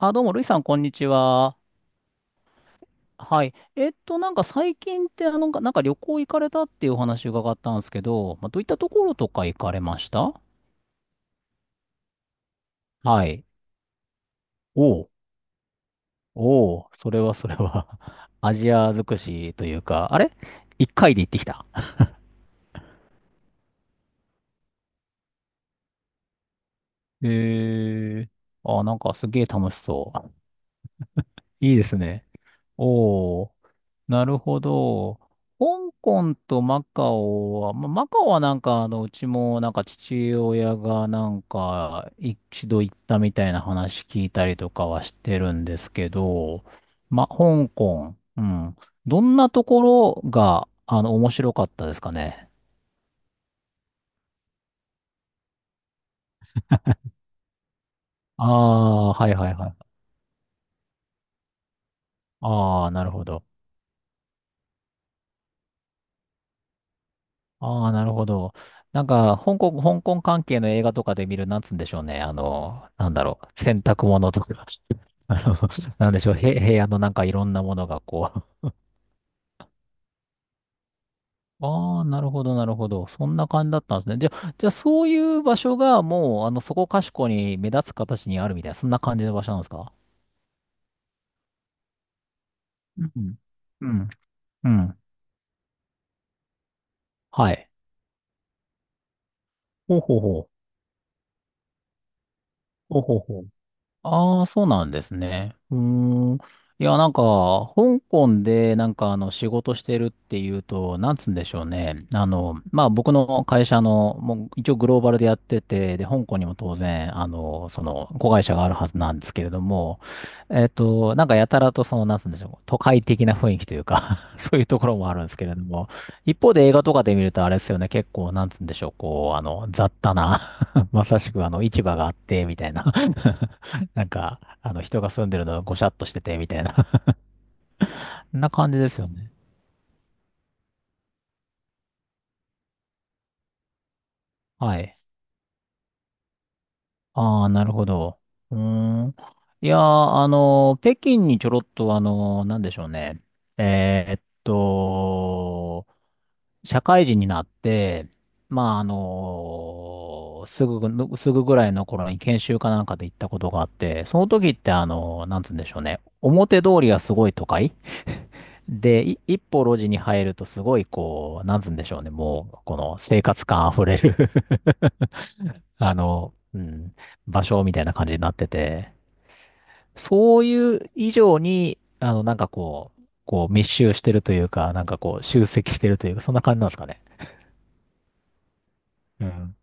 あ、どうも、ルイさん、こんにちは。はい。なんか最近って、なんか旅行行かれたっていうお話伺ったんですけど、まあ、どういったところとか行かれました？はい。おう、おう、それはそれは。 アジア尽くしというか、あれ一回で行ってきた。えー、あ、なんかすげえ楽しそう。いいですね。おお。なるほど。香港とマカオは、まあ、マカオはなんか、うちもなんか父親がなんか一度行ったみたいな話聞いたりとかはしてるんですけど、ま、香港、うん。どんなところが、面白かったですかね？ああ、はいはいはい。ああ、なるほど。ああ、なるほど。なんか、香港関係の映画とかで見る、なんつうんでしょうね。なんだろう。洗濯物とか。あの、なんでしょう。へ、部屋のなんかいろんなものがこう。ああ、なるほど、なるほど。そんな感じだったんですね。じゃあそういう場所がもう、そこかしこに目立つ形にあるみたいな、そんな感じの場所なんですか？うん。うん。うん。はい。ほうほうほう。ほうほうほう。ああ、そうなんですね。うーん。いや、なんか、香港で、なんか、仕事してるっていうと、なんつうんでしょうね。まあ、僕の会社の、もう、一応グローバルでやってて、で、香港にも当然、子会社があるはずなんですけれども、なんか、やたらと、その、なんつうんでしょう、都会的な雰囲気というか そういうところもあるんですけれども、一方で映画とかで見ると、あれですよね、結構、なんつうんでしょう、こう、雑多な まさしく、市場があって、みたいな、なんか、人が住んでるのがごしゃっとしてて、みたいな な感じですよね。はい。ああ、なるほど。うーん。いやー、北京にちょろっと、なんでしょうね。えーっと、社会人になって、まあ、すぐぐらいの頃に研修かなんかで行ったことがあって、その時って、なんつうんでしょうね。表通りがすごい都会 で、い一歩路地に入るとすごい、こう、なんつうんでしょうね。もう、この生活感あふれるうん、場所みたいな感じになってて、そういう以上に、なんかこう、こう密集してるというか、なんかこう集積してるというか、そんな感じなんですかね？うん。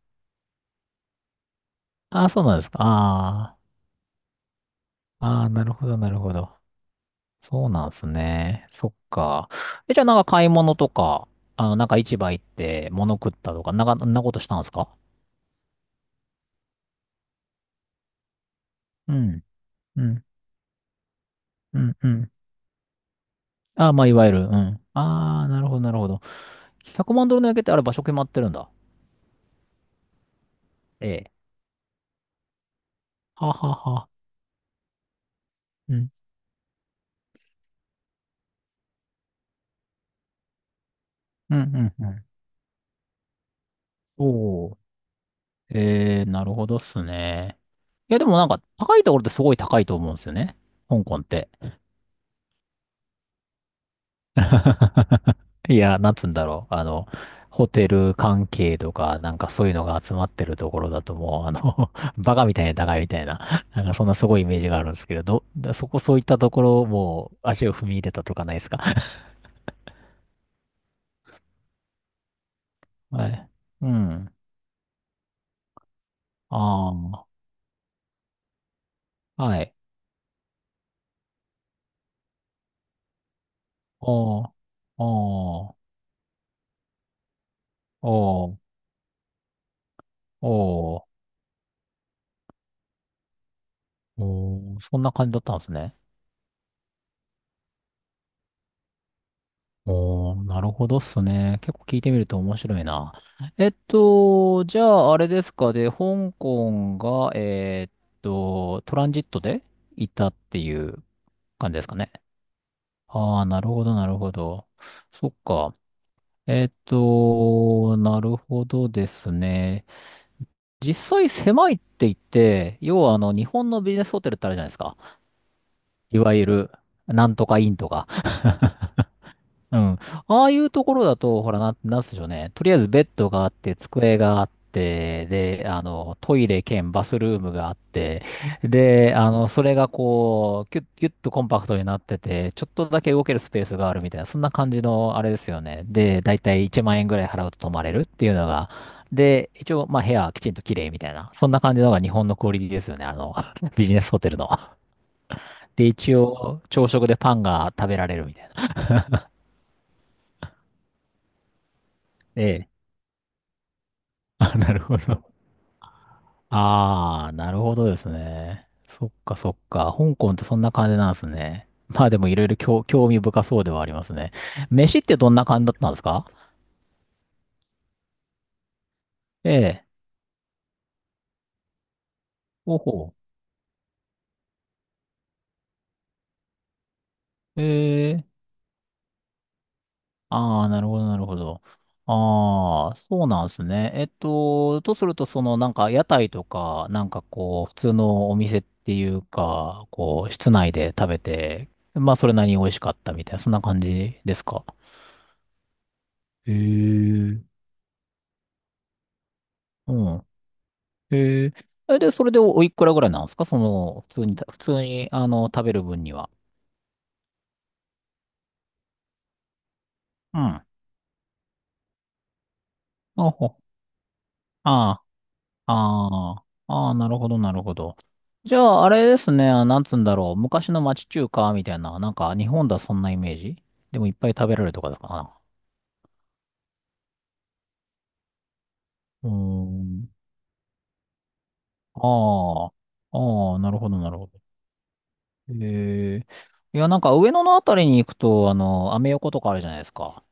ああ、そうなんですか。ああ、ああ、なるほど、なるほど。そうなんですね。そっか。え、じゃあなんか買い物とか、なんか市場行って物食ったとか、なんか、そんなことしたんですか？うん、うん、うん、うん。ああ、まあ、いわゆる、うん。ああ、なるほど、なるほど。100万ドルの焼けってあれ場所決まってるんだ。ええ。ははは。うん。うんうんうん。おー。えー、なるほどっすね。いや、でもなんか、高いところってすごい高いと思うんですよね。香港って。いや、なんつうんだろう。ホテル関係とか、なんかそういうのが集まってるところだともう、バカみたいに高いみたいな、なんかそんなすごいイメージがあるんですけれど、だそこそういったところもう足を踏み入れたとかないですか？ はい。うん。ああ、はい。おー、おー、おー、おー。おー、そんな感じだったんですね。おー、なるほどっすね。結構聞いてみると面白いな。じゃあ、あれですかで、香港が、トランジットでいたっていう感じですかね？ああ、なるほど、なるほど。そっか。なるほどですね。実際狭いって言って、要は日本のビジネスホテルってあるじゃないですか。いわゆる、なんとかインとか。うん。ああいうところだと、ほら、なんすでしょうね。とりあえずベッドがあって、机があって、で、トイレ兼バスルームがあって、で、それがこう、キュッ、キュッとコンパクトになってて、ちょっとだけ動けるスペースがあるみたいな、そんな感じの、あれですよね。で、だいたい1万円ぐらい払うと泊まれるっていうのが、で、一応、まあ、部屋はきちんと綺麗みたいな、そんな感じのが日本のクオリティですよね。ビジネスホテルの。で、一応、朝食でパンが食べられるみたいな。ええ。あ、なるほど。ああ、なるほどですね。そっかそっか。香港ってそんな感じなんですね。まあでもいろいろ興興味深そうではありますね。飯ってどんな感じだったんですか？ええ。ほうほう。ええ。ああ、なるほど、なるほど。ああ、そうなんですね。とすると、その、なんか、屋台とか、なんかこう、普通のお店っていうか、こう、室内で食べて、まあ、それなりに美味しかったみたいな、そんな感じですか？ええ。うん。へえ。え、で、それでおおいくらぐらいなんですか？その、普通に、食べる分には。うん。あほ。ああ、ああ、ああ、なるほど、なるほど。じゃあ、あれですね、あなんつうんだろう。昔の町中華みたいな、なんか、日本だそんなイメージでもいっぱい食べられるとかだかな。うーん。ああ、ああ、なるほど、なるほど。へえ。いや、なんか、上野のあたりに行くと、アメ横とかあるじゃないですか。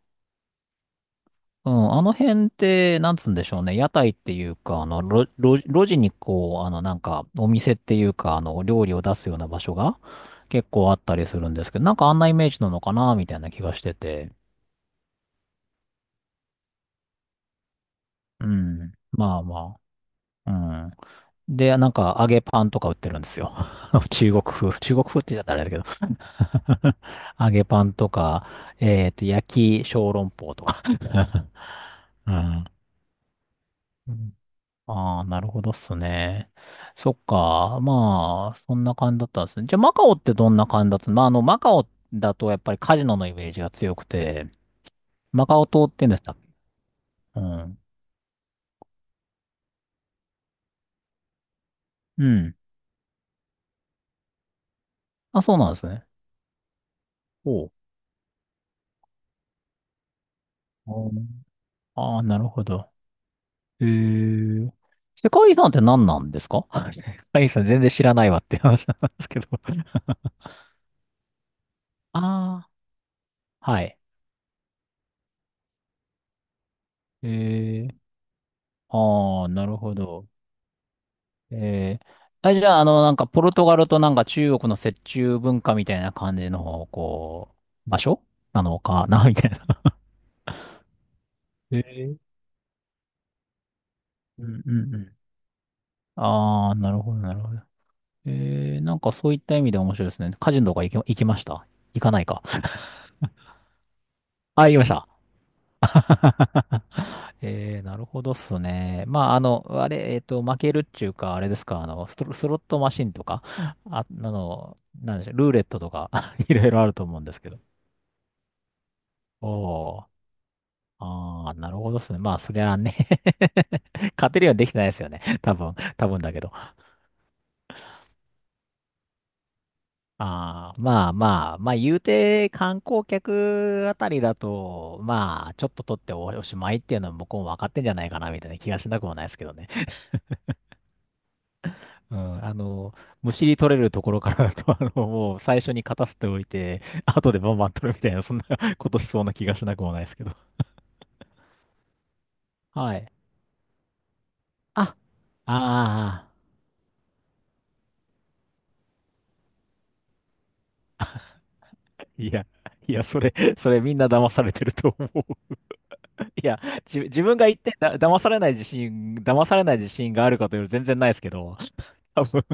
うん、あの辺って、なんつうんでしょうね。屋台っていうか、路地にこう、なんか、お店っていうか、料理を出すような場所が結構あったりするんですけど、なんかあんなイメージなのかな、みたいな気がしてて。うん。まあまあ。うん。で、なんか、揚げパンとか売ってるんですよ。中国風。中国風って言っちゃったらあれだけど。揚げパンとか、焼き小籠包とか。うん。ああ、なるほどっすね。そっか。まあ、そんな感じだったんですね。じゃあ、マカオってどんな感じだった？まあ、マカオだとやっぱりカジノのイメージが強くて、マカオ島って言うんでしたっけ？うん。うん。あ、そうなんですね。おう。ああー、なるほど。えー、世界遺産って何なんですか？ 世界遺産全然知らないわって話なんですけど。ああ、はい。えー、ああ、なるほど。えー、あ、じゃあ、なんか、ポルトガルとなんか中国の折衷文化みたいな感じの、こう、場所なのかな、みたいな。えーうんうんうん。ああ、なるほど、なるほど。えー、なんかそういった意味で面白いですね。カジノとか行きました？行かないか。あ、行きました。えー、なるほどっすね。まあ、あれ、負けるっていうか、あれですか、スロットマシンとか、あ、なんでしょう、ルーレットとか、いろいろあると思うんですけど。おーああ、なるほどですね。まあ、そりゃあね。 勝てるようにできてないですよね。多分、多分だけど。ああ、まあまあ、まあ、言うて観光客あたりだと、まあ、ちょっと取っておしまいっていうのは向こうも分かってんじゃないかな、みたいな気がしなくもないですけどね。うん、むしり取れるところからだと、もう最初に勝たせておいて、後でバンバン取るみたいな、そんな ことしそうな気がしなくもないですけど。はい。あ、ああ、いや、いや、それ、それみんな騙されてると思う。いや、自分が言ってだ、騙されない自信、騙されない自信があるかというと全然ないですけど、多分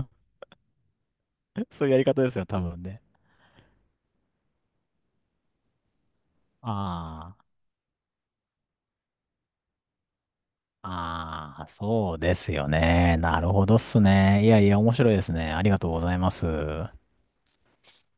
そういうやり方ですよ、多分ね。ああ、ああ、そうですよね。なるほどっすね。いやいや、面白いですね。ありがとうございます。